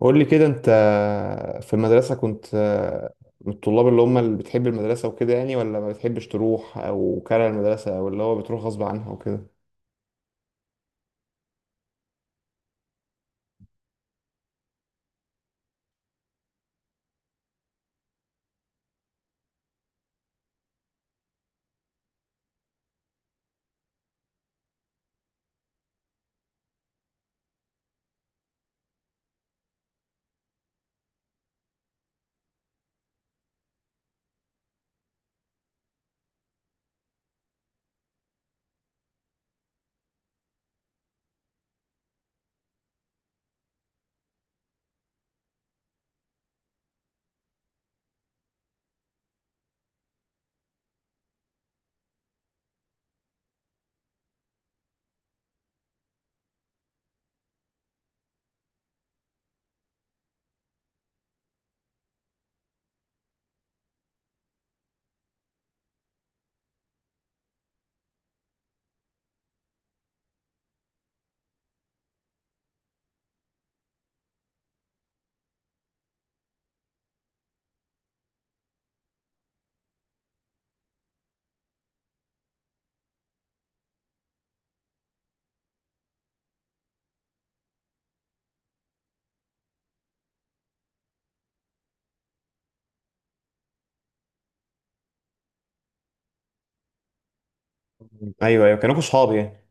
قول لي كده انت في المدرسة كنت من الطلاب اللي هم اللي بتحب المدرسة وكده يعني، ولا ما بتحبش تروح او كاره المدرسة او اللي هو بتروح غصب عنها وكده؟ ايوه ايوه، كانوا صحاب يعني.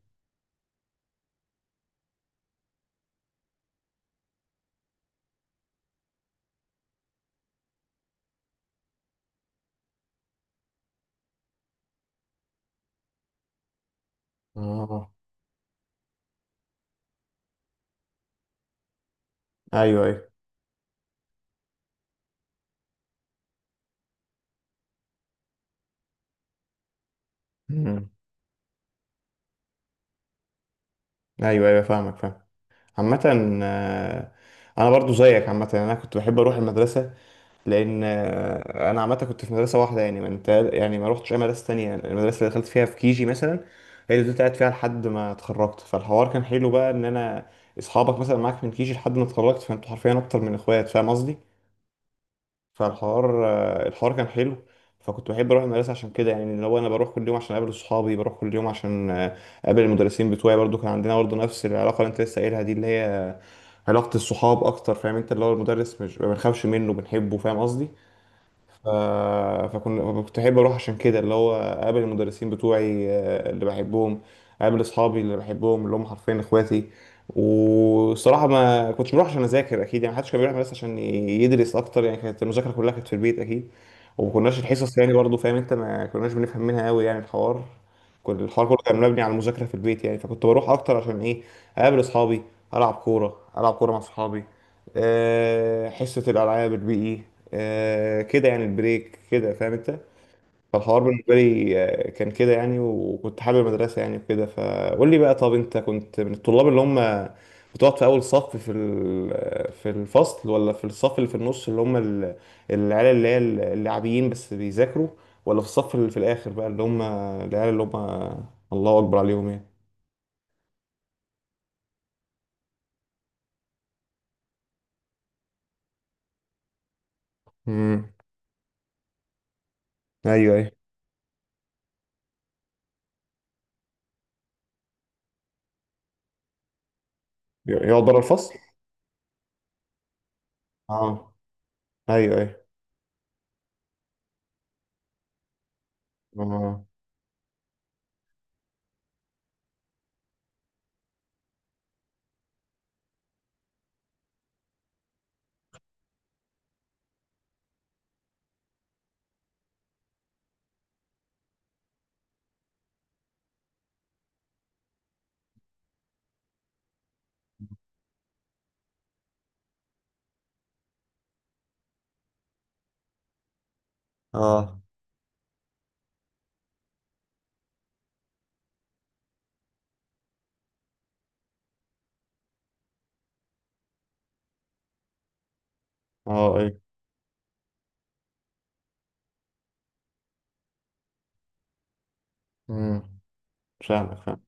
اه ايوه ايوه. مم. ايوه ايوه فاهمك فاهم. عامة، آه، انا برضو زيك. عامة انا كنت بحب اروح المدرسة، لان انا عامه كنت في مدرسه واحده يعني، ما انت يعني ما روحتش اي مدرسه تانية. المدرسه اللي دخلت فيها في كيجي مثلا هي اللي كنت قاعد فيها لحد ما اتخرجت، فالحوار كان حلو بقى ان انا اصحابك مثلا معاك من كيجي لحد ما اتخرجت، فانتوا حرفيا اكتر من اخوات، فاهم قصدي؟ فالحوار الحوار كان حلو، فكنت بحب اروح المدرسه عشان كده يعني، اللي هو انا بروح كل يوم عشان اقابل اصحابي، بروح كل يوم عشان اقابل المدرسين بتوعي. برضو كان عندنا برضو نفس العلاقه اللي انت لسه قايلها دي، اللي هي علاقه الصحاب اكتر، فاهم انت؟ اللي هو المدرس مش، ما بنخافش منه بنحبه، فاهم قصدي؟ ف- فكنا كنت احب اروح عشان كده، اللي هو اقابل المدرسين بتوعي اللي بحبهم، اقابل اصحابي اللي بحبهم اللي هم حرفيا اخواتي. والصراحه ما كنتش بروح عشان اذاكر اكيد يعني، محدش كان بيروح بس عشان يدرس اكتر يعني، كانت المذاكره كلها كانت في البيت اكيد. وما كناش الحصص يعني برضو، فاهم انت؟ ما كناش بنفهم منها قوي يعني، الحوار كل الحوار كله كان مبني على المذاكره في البيت يعني، فكنت بروح اكتر عشان ايه؟ اقابل اصحابي، العب كوره، العب كوره مع اصحابي، حصه الالعاب، البي اي، آه كده يعني، البريك كده، فاهم انت؟ فالحوار بالنسبه لي كان كده يعني، وكنت حابب المدرسه يعني وكده. فقول لي بقى، طب انت كنت من الطلاب اللي هم بتقعد في اول صف في في الفصل، ولا في الصف اللي في النص اللي هم العيال اللي هي اللاعبيين بس بيذاكروا، ولا في الصف اللي في الاخر بقى اللي هم العيال اللي هم الله اكبر عليهم يعني؟ امم. ايوه ايوه. يقعد بره الفصل؟ اه ايوه ايوه. اه. اه. اه ايوه. امم. فاهمك فاهمك.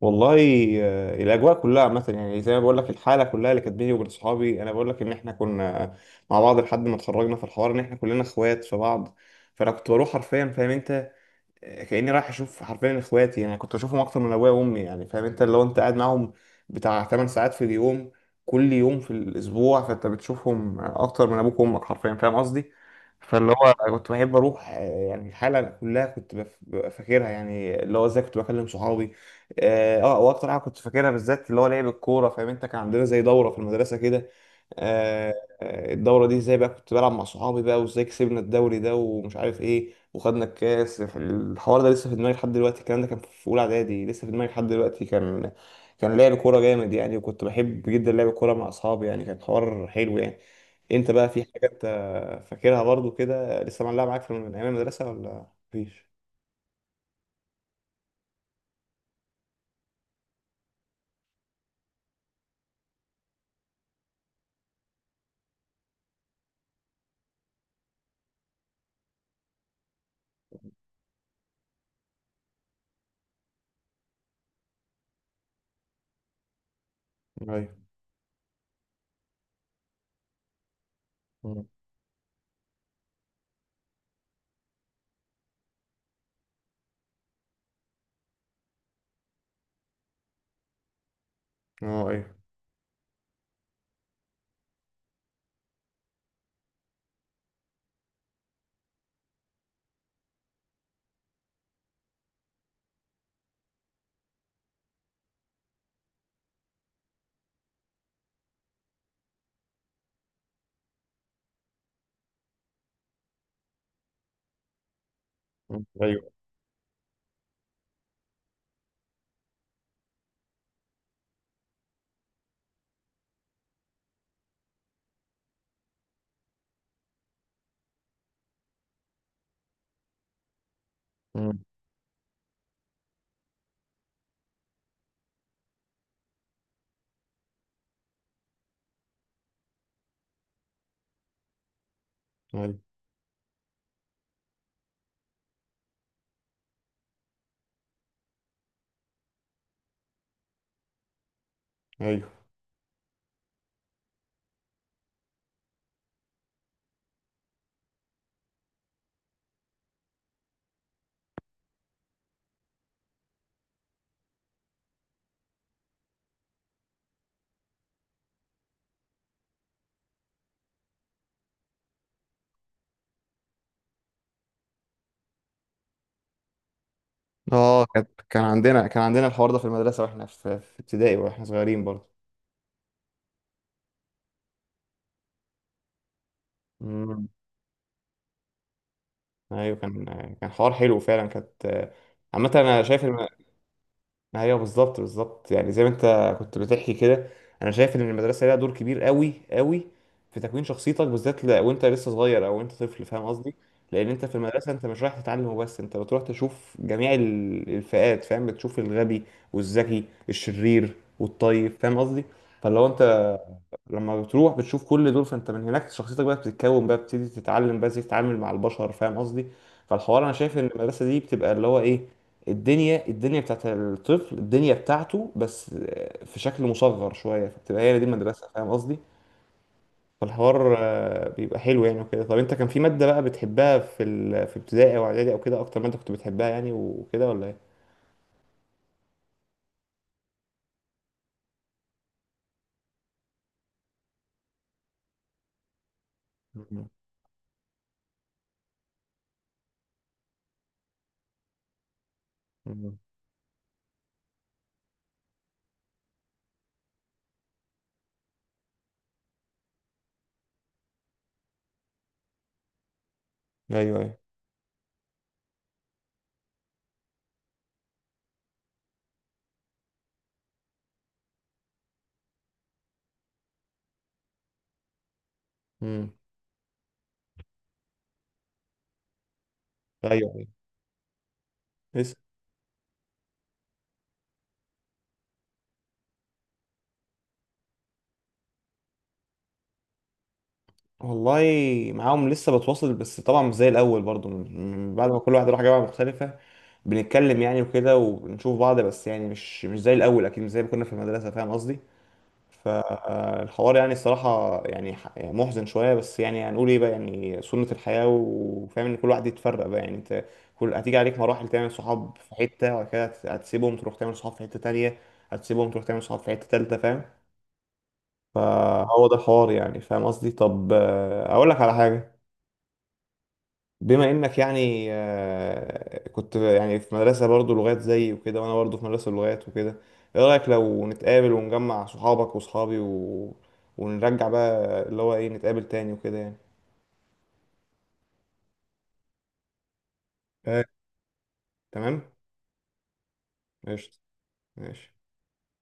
والله الاجواء كلها عامه يعني، زي ما بقول لك الحاله كلها اللي كانت بيني وبين صحابي، انا بقول لك ان احنا كنا مع بعض لحد ما اتخرجنا، في الحوار ان احنا كلنا اخوات في بعض. فانا كنت بروح حرفيا، فاهم انت؟ كأني رايح اشوف حرفيا اخواتي يعني، كنت اشوفهم اكتر من ابويا وامي يعني. فاهم انت؟ لو انت قاعد معاهم بتاع 8 ساعات في اليوم كل يوم في الاسبوع، فانت بتشوفهم اكتر من ابوك وامك حرفيا، فاهم قصدي؟ فاللي هو كنت بحب اروح، يعني الحاله كلها كنت ببقى فاكرها يعني، اللي هو ازاي كنت بكلم صحابي. اه واكتر حاجه كنت فاكرها بالذات اللي هو لعب الكوره، فاهم انت؟ كان عندنا زي دوره في المدرسه كده، آه، الدوره دي ازاي بقى كنت بلعب مع صحابي بقى، وازاي كسبنا الدوري ده ومش عارف ايه، وخدنا الكاس. الحوار ده لسه في دماغي لحد دلوقتي، الكلام ده كان في اولى اعدادي لسه في دماغي لحد دلوقتي. كان كان لعب كوره جامد يعني، وكنت بحب جدا لعب الكوره مع اصحابي يعني، كان حوار حلو يعني. انت بقى في حاجه انت فاكرها برضو كده لسه معلقه معاك من ايام المدرسه، ولا مفيش؟ ايوه. مم. اه ايوه. مم. ايوه. مم. ايوه ايوه. اه كان كان عندنا الحوار ده في المدرسه واحنا في ابتدائي واحنا صغيرين برضو. مم. ايوه كان كان حوار حلو فعلا، كانت عامة أنا شايف. ايوه بالظبط بالظبط، يعني زي ما انت كنت بتحكي كده. انا شايف ان المدرسه ليها دور كبير قوي قوي في تكوين شخصيتك، بالذات وانت لسه صغير او انت طفل، فاهم قصدي؟ لان انت في المدرسه انت مش رايح تتعلم وبس، انت بتروح تشوف جميع الفئات، فاهم؟ بتشوف الغبي والذكي، الشرير والطيب، فاهم قصدي؟ فلو انت لما بتروح بتشوف كل دول، فانت من هناك شخصيتك بقى بتتكون، بقى بتبتدي تتعلم بقى ازاي تتعامل مع البشر، فاهم قصدي؟ فالحوار انا شايف ان المدرسه دي بتبقى اللي هو ايه، الدنيا بتاعت الطفل، الدنيا بتاعته بس في شكل مصغر شويه، فبتبقى هي دي المدرسه، فاهم قصدي؟ فالحوار بيبقى حلو يعني وكده. طب انت كان في ماده بقى بتحبها في في ابتدائي او اعدادي او كده، اكتر ماده كنت بتحبها يعني وكده، ولا ايه؟ مم. مم. ايوه ايوه. مم. ايوه ايوه. والله معاهم لسه بتواصل، بس طبعا مش زي الاول برضو، من بعد ما كل واحد راح جامعه مختلفه. بنتكلم يعني وكده، وبنشوف بعض، بس يعني مش زي الاول اكيد، مش زي ما كنا في المدرسه، فاهم قصدي؟ فالحوار يعني الصراحه يعني يعني محزن شويه، بس يعني هنقول ايه بقى؟ يعني سنه الحياه، وفاهم ان كل واحد يتفرق بقى يعني. انت كل هتيجي عليك مراحل، تعمل صحاب في حته، وبعد كده هتسيبهم تروح تعمل صحاب في حته تانية، هتسيبهم تروح تعمل صحاب في حته تالتة، فاهم؟ فهو ده الحوار يعني، فاهم قصدي؟ طب اقول لك على حاجه، بما انك يعني كنت يعني في مدرسة برضو لغات زي وكده، وانا برضو في مدرسة لغات وكده، ايه رأيك لو نتقابل ونجمع صحابك وصحابي و... ونرجع بقى اللي هو ايه، نتقابل تاني وكده يعني؟ آه، تمام. قشطة. ماشي.